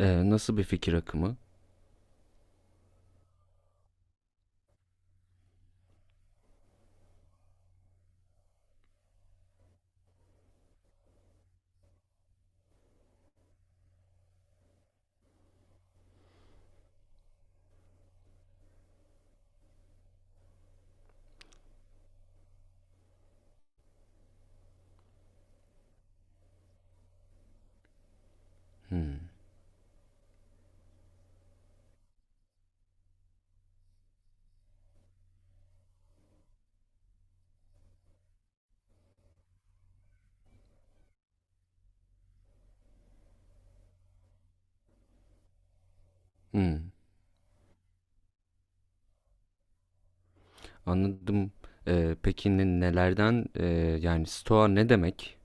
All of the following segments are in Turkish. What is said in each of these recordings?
Nasıl bir fikir akımı? Hmm, hmm. Anladım. Peki nelerden yani stoa ne demek?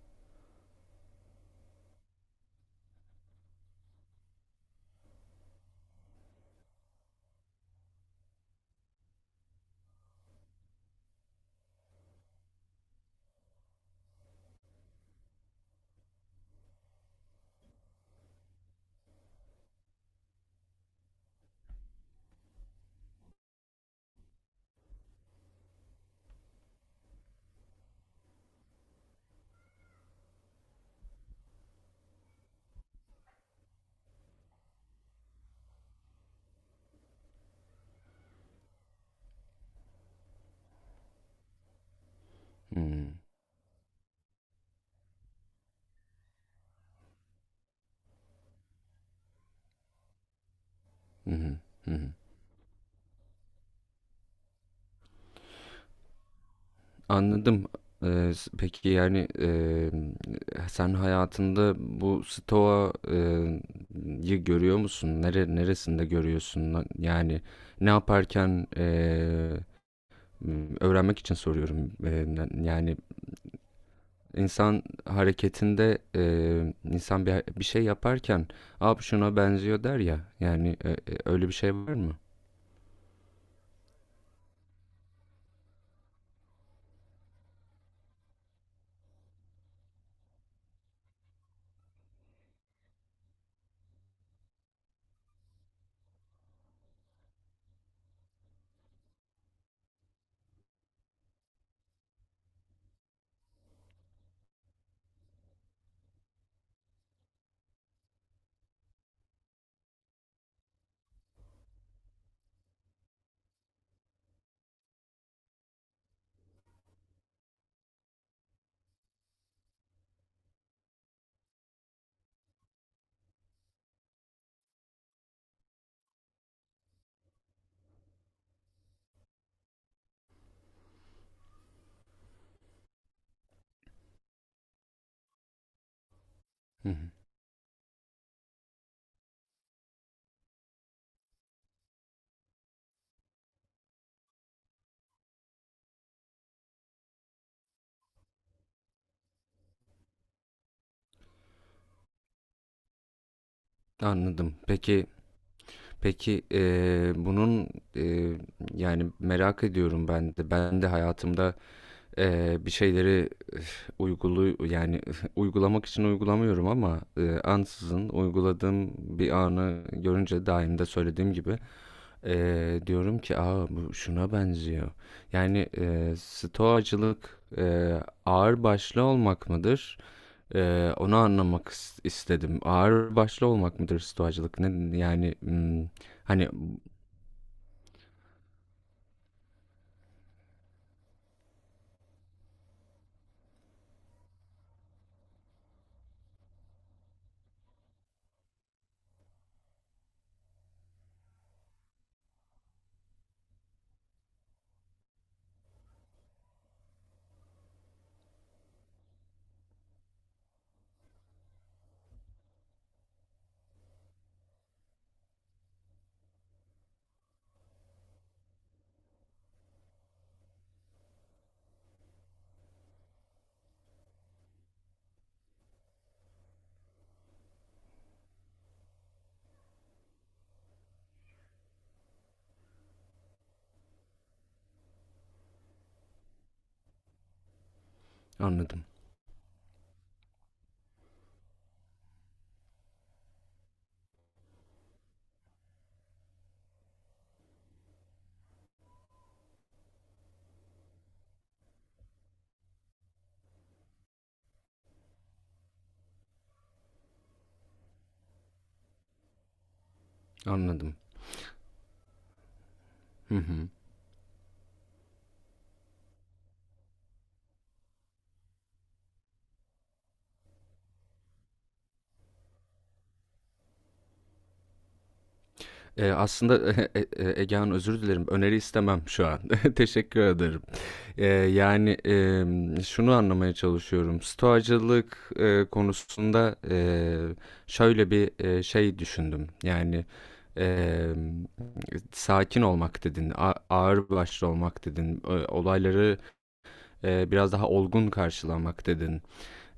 Hmm, hı hı, hı hı. Anladım. Peki yani sen hayatında bu stoa yı görüyor musun? Neresinde görüyorsun? Yani ne yaparken öğrenmek için soruyorum. Yani İnsan hareketinde insan bir şey yaparken "Aa şuna benziyor." der ya. Yani öyle bir şey var mı? Hı hı. Anladım. Peki peki bunun e, yani merak ediyorum ben de. Ben de hayatımda bir şeyleri üf, uygulu yani üf, uygulamak için uygulamıyorum ama ansızın uyguladığım bir anı görünce daim de söylediğim gibi diyorum ki aa bu şuna benziyor. Yani stoacılık ağır başlı olmak mıdır? Onu anlamak istedim. Ağır başlı olmak mıdır stoacılık? Yani hani anladım anladım. Hı hı. Aslında Ege Hanım, özür dilerim. Öneri istemem şu an. Teşekkür ederim. Yani şunu anlamaya çalışıyorum. Stoacılık konusunda şöyle bir şey düşündüm. Yani em, sakin olmak dedin, ağır başlı olmak dedin, olayları biraz daha olgun karşılamak dedin.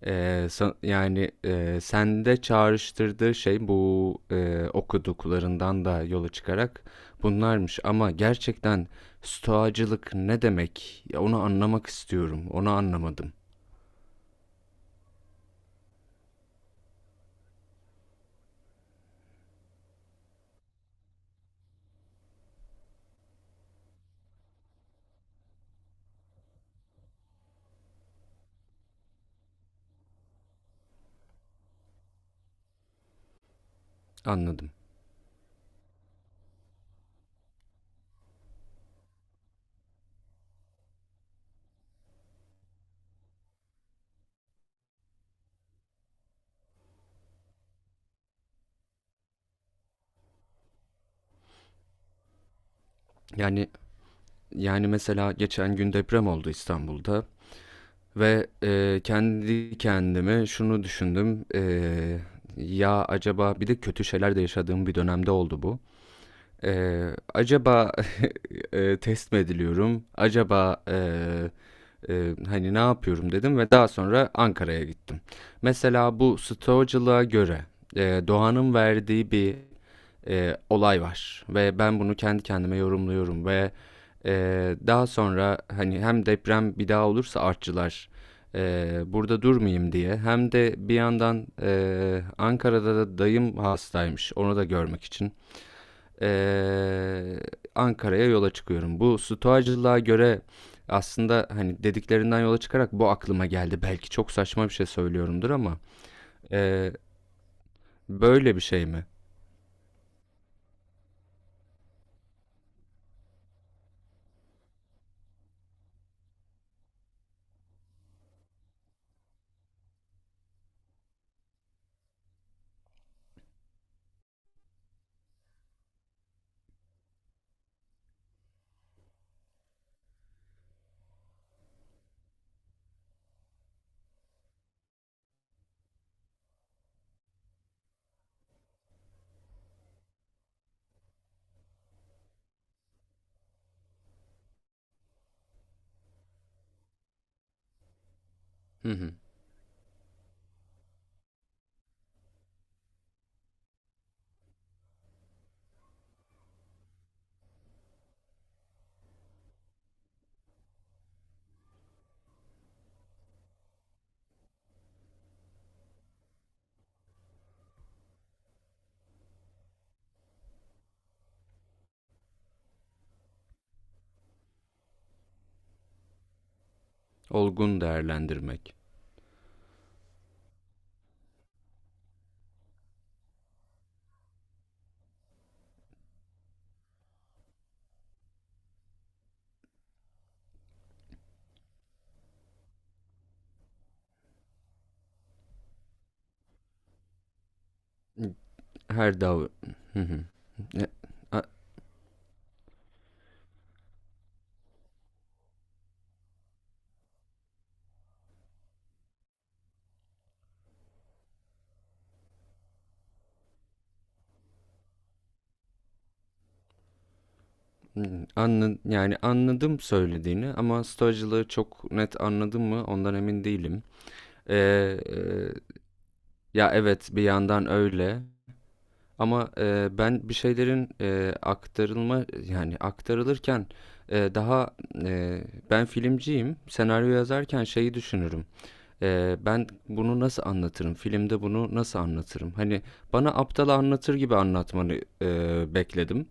Sende çağrıştırdığı şey bu, okuduklarından da yola çıkarak bunlarmış ama gerçekten stoacılık ne demek? Ya, onu anlamak istiyorum. Onu anlamadım. Anladım. Yani Yani, mesela geçen gün deprem oldu İstanbul'da ve, kendi kendime şunu düşündüm, "Ya, acaba." Bir de kötü şeyler de yaşadığım bir dönemde oldu bu. Eee, acaba, test mi ediliyorum? Ne yapıyorum dedim ve daha sonra Ankara'ya gittim. Mesela bu stoacılığa göre, doğanın verdiği bir olay var ve ben bunu kendi kendime yorumluyorum ve, daha sonra, hani, hem deprem bir daha olursa artçılar, burada durmayayım diye hem de bir yandan, Ankara'da da dayım hastaymış, onu da görmek için eee, Ankara'ya yola çıkıyorum. Bu stoacılığa göre aslında hani dediklerinden yola çıkarak bu aklıma geldi. Belki çok saçma bir şey söylüyorumdur ama eee, böyle bir şey mi? Hı hı. Olgun değerlendirmek. Her dav... Hı hı. E, a- hı, yani anladım söylediğini ama stoacılığı çok net anladım mı ondan emin değilim. Eee, Ya evet bir yandan öyle. Ama, ben bir şeylerin, aktarılma yani aktarılırken, eee, daha, eee, ben filmciyim. Senaryo yazarken şeyi düşünürüm. Ben bunu nasıl anlatırım? Filmde bunu nasıl anlatırım? Hani, bana aptal anlatır gibi anlatmanı, bekledim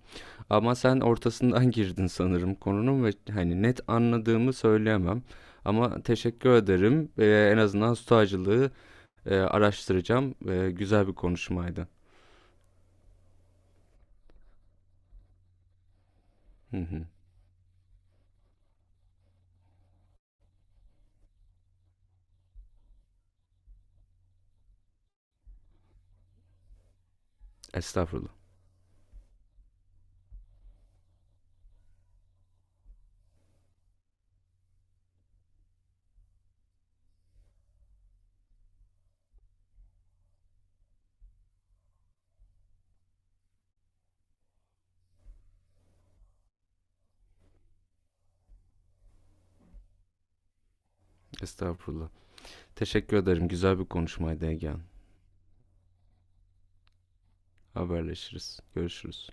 ama sen ortasından girdin sanırım konunun ve, hani, net anladığımı söyleyemem ama teşekkür ederim. En azından stoacılığı, araştıracağım. Güzel bir konuşmaydı. Hı hı. Estağfurullah. Estağfurullah. Teşekkür ederim. Güzel bir konuşmaydı Ege Hanım. Haberleşiriz. Görüşürüz.